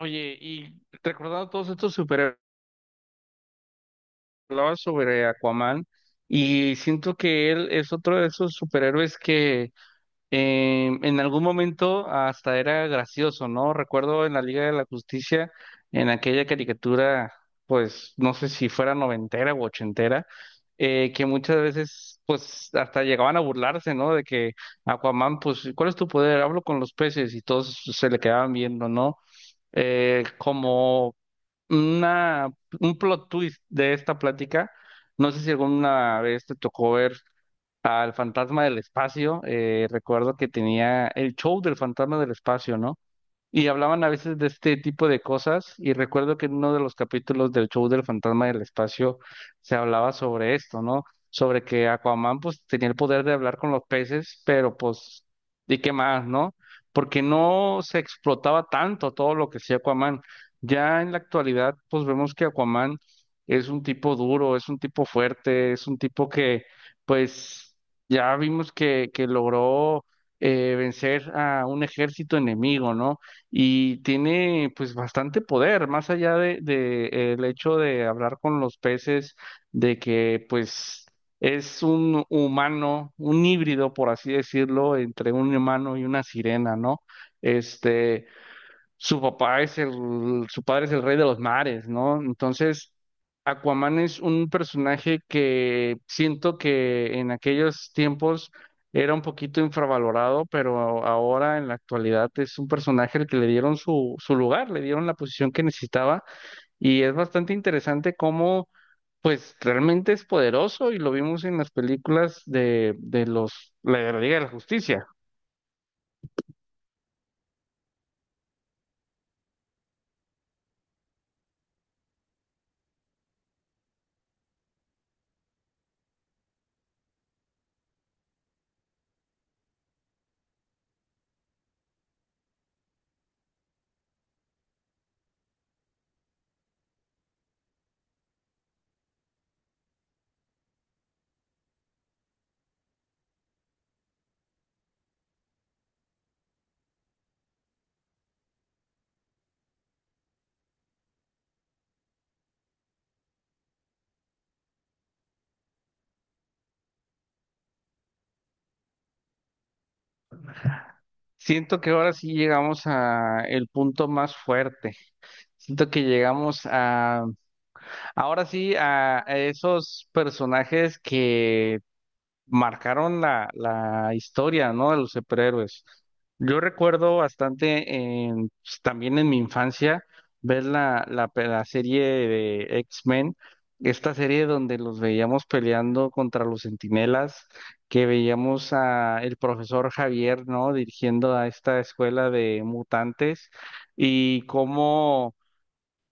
Oye, y recordando todos estos superhéroes, hablabas sobre Aquaman y siento que él es otro de esos superhéroes que en algún momento hasta era gracioso, ¿no? Recuerdo en la Liga de la Justicia, en aquella caricatura, pues no sé si fuera noventera o ochentera, que muchas veces pues hasta llegaban a burlarse, ¿no? De que Aquaman, pues, ¿cuál es tu poder? Hablo con los peces y todos se le quedaban viendo, ¿no? Como una, un plot twist de esta plática. No sé si alguna vez te tocó ver al Fantasma del Espacio. Recuerdo que tenía el show del Fantasma del Espacio, ¿no? Y hablaban a veces de este tipo de cosas y recuerdo que en uno de los capítulos del show del Fantasma del Espacio se hablaba sobre esto, ¿no? Sobre que Aquaman pues tenía el poder de hablar con los peces, pero pues, ¿y qué más, no? Porque no se explotaba tanto todo lo que hacía Aquaman. Ya en la actualidad pues vemos que Aquaman es un tipo duro, es un tipo fuerte, es un tipo que pues ya vimos que logró vencer a un ejército enemigo, ¿no? Y tiene pues bastante poder, más allá de el hecho de hablar con los peces, de que pues es un humano, un híbrido, por así decirlo, entre un humano y una sirena, ¿no? Este, su papá es el, su padre es el rey de los mares, ¿no? Entonces, Aquaman es un personaje que siento que en aquellos tiempos era un poquito infravalorado, pero ahora en la actualidad es un personaje al que le dieron su lugar, le dieron la posición que necesitaba y es bastante interesante cómo, pues, realmente es poderoso y lo vimos en las películas de los, la de la Liga de la Justicia. Siento que ahora sí llegamos a el punto más fuerte. Siento que llegamos a, ahora sí, a esos personajes que marcaron la historia, ¿no? De los superhéroes. Yo recuerdo bastante, pues, también en mi infancia, ver la serie de X-Men, esta serie donde los veíamos peleando contra los Centinelas, que veíamos a el profesor Javier, ¿no? Dirigiendo a esta escuela de mutantes y cómo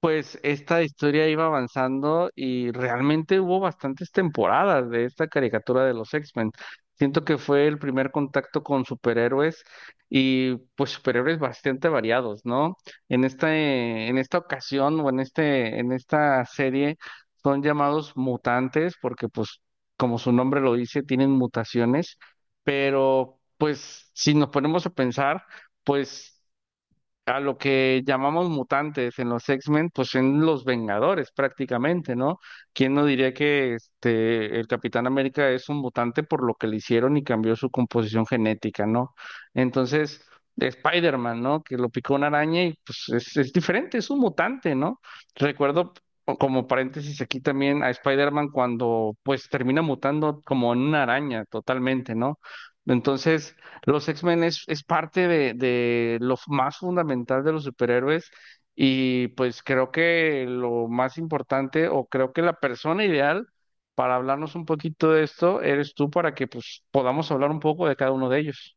pues esta historia iba avanzando y realmente hubo bastantes temporadas de esta caricatura de los X-Men. Siento que fue el primer contacto con superhéroes y pues superhéroes bastante variados, ¿no? En esta ocasión o en en esta serie son llamados mutantes porque pues como su nombre lo dice, tienen mutaciones, pero pues si nos ponemos a pensar, pues a lo que llamamos mutantes en los X-Men, pues en los Vengadores prácticamente, ¿no? ¿Quién no diría que este el Capitán América es un mutante por lo que le hicieron y cambió su composición genética, ¿no? Entonces, Spider-Man, ¿no? Que lo picó una araña y pues es diferente, es un mutante, ¿no? Recuerdo o como paréntesis aquí también a Spider-Man cuando pues termina mutando como en una araña totalmente, ¿no? Entonces, los X-Men es parte de lo más fundamental de los superhéroes y pues creo que lo más importante o creo que la persona ideal para hablarnos un poquito de esto eres tú para que pues podamos hablar un poco de cada uno de ellos.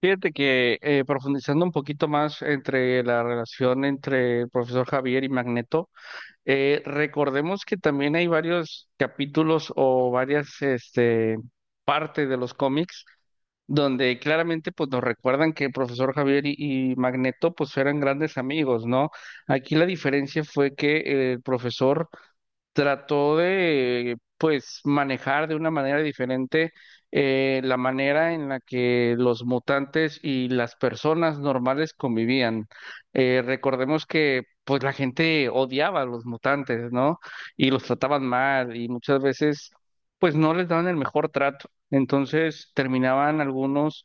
Fíjate que profundizando un poquito más entre la relación entre el profesor Javier y Magneto, recordemos que también hay varios capítulos o varias este, partes de los cómics donde claramente pues nos recuerdan que el profesor Javier y Magneto pues eran grandes amigos, ¿no? Aquí la diferencia fue que el profesor trató de, pues, manejar de una manera diferente la manera en la que los mutantes y las personas normales convivían. Recordemos que, pues, la gente odiaba a los mutantes, ¿no? Y los trataban mal y muchas veces, pues, no les daban el mejor trato. Entonces, terminaban algunos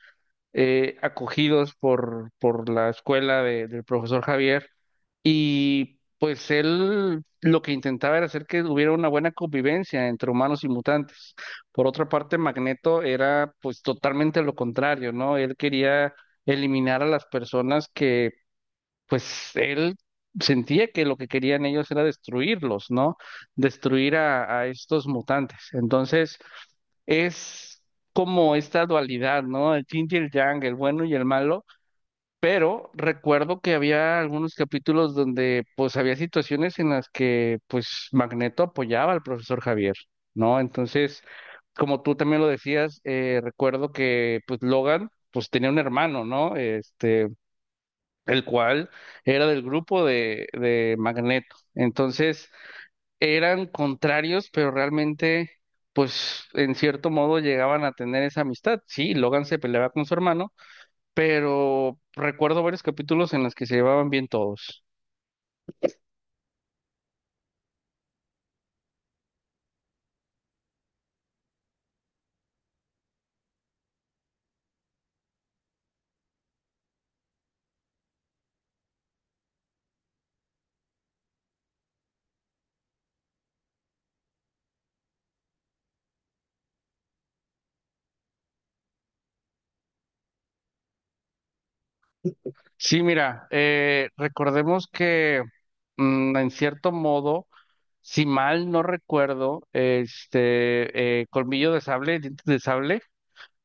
acogidos por la escuela del profesor Javier y pues él lo que intentaba era hacer que hubiera una buena convivencia entre humanos y mutantes. Por otra parte, Magneto era pues totalmente lo contrario, ¿no? Él quería eliminar a las personas que pues él sentía que lo que querían ellos era destruirlos, ¿no? Destruir a estos mutantes. Entonces, es como esta dualidad, ¿no? El yin y el yang, el bueno y el malo, pero recuerdo que había algunos capítulos donde pues había situaciones en las que pues Magneto apoyaba al profesor Javier, ¿no? Entonces, como tú también lo decías, recuerdo que pues Logan pues tenía un hermano, ¿no? Este, el cual era del grupo de Magneto. Entonces, eran contrarios, pero realmente pues en cierto modo llegaban a tener esa amistad. Sí, Logan se peleaba con su hermano, pero recuerdo varios capítulos en los que se llevaban bien todos. Sí, mira, recordemos que en cierto modo, si mal no recuerdo, este Colmillo de Sable, Dientes de Sable,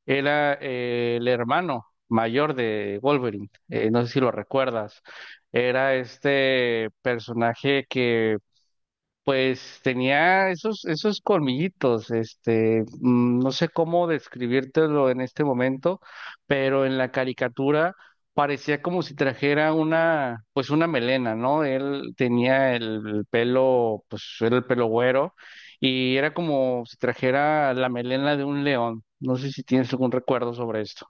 era el hermano mayor de Wolverine. No sé si lo recuerdas. Era este personaje que pues tenía esos colmillitos, este, mm, no sé cómo describírtelo en este momento, pero en la caricatura parecía como si trajera una, pues una melena, ¿no? Él tenía el pelo, pues era el pelo güero, y era como si trajera la melena de un león. No sé si tienes algún recuerdo sobre esto.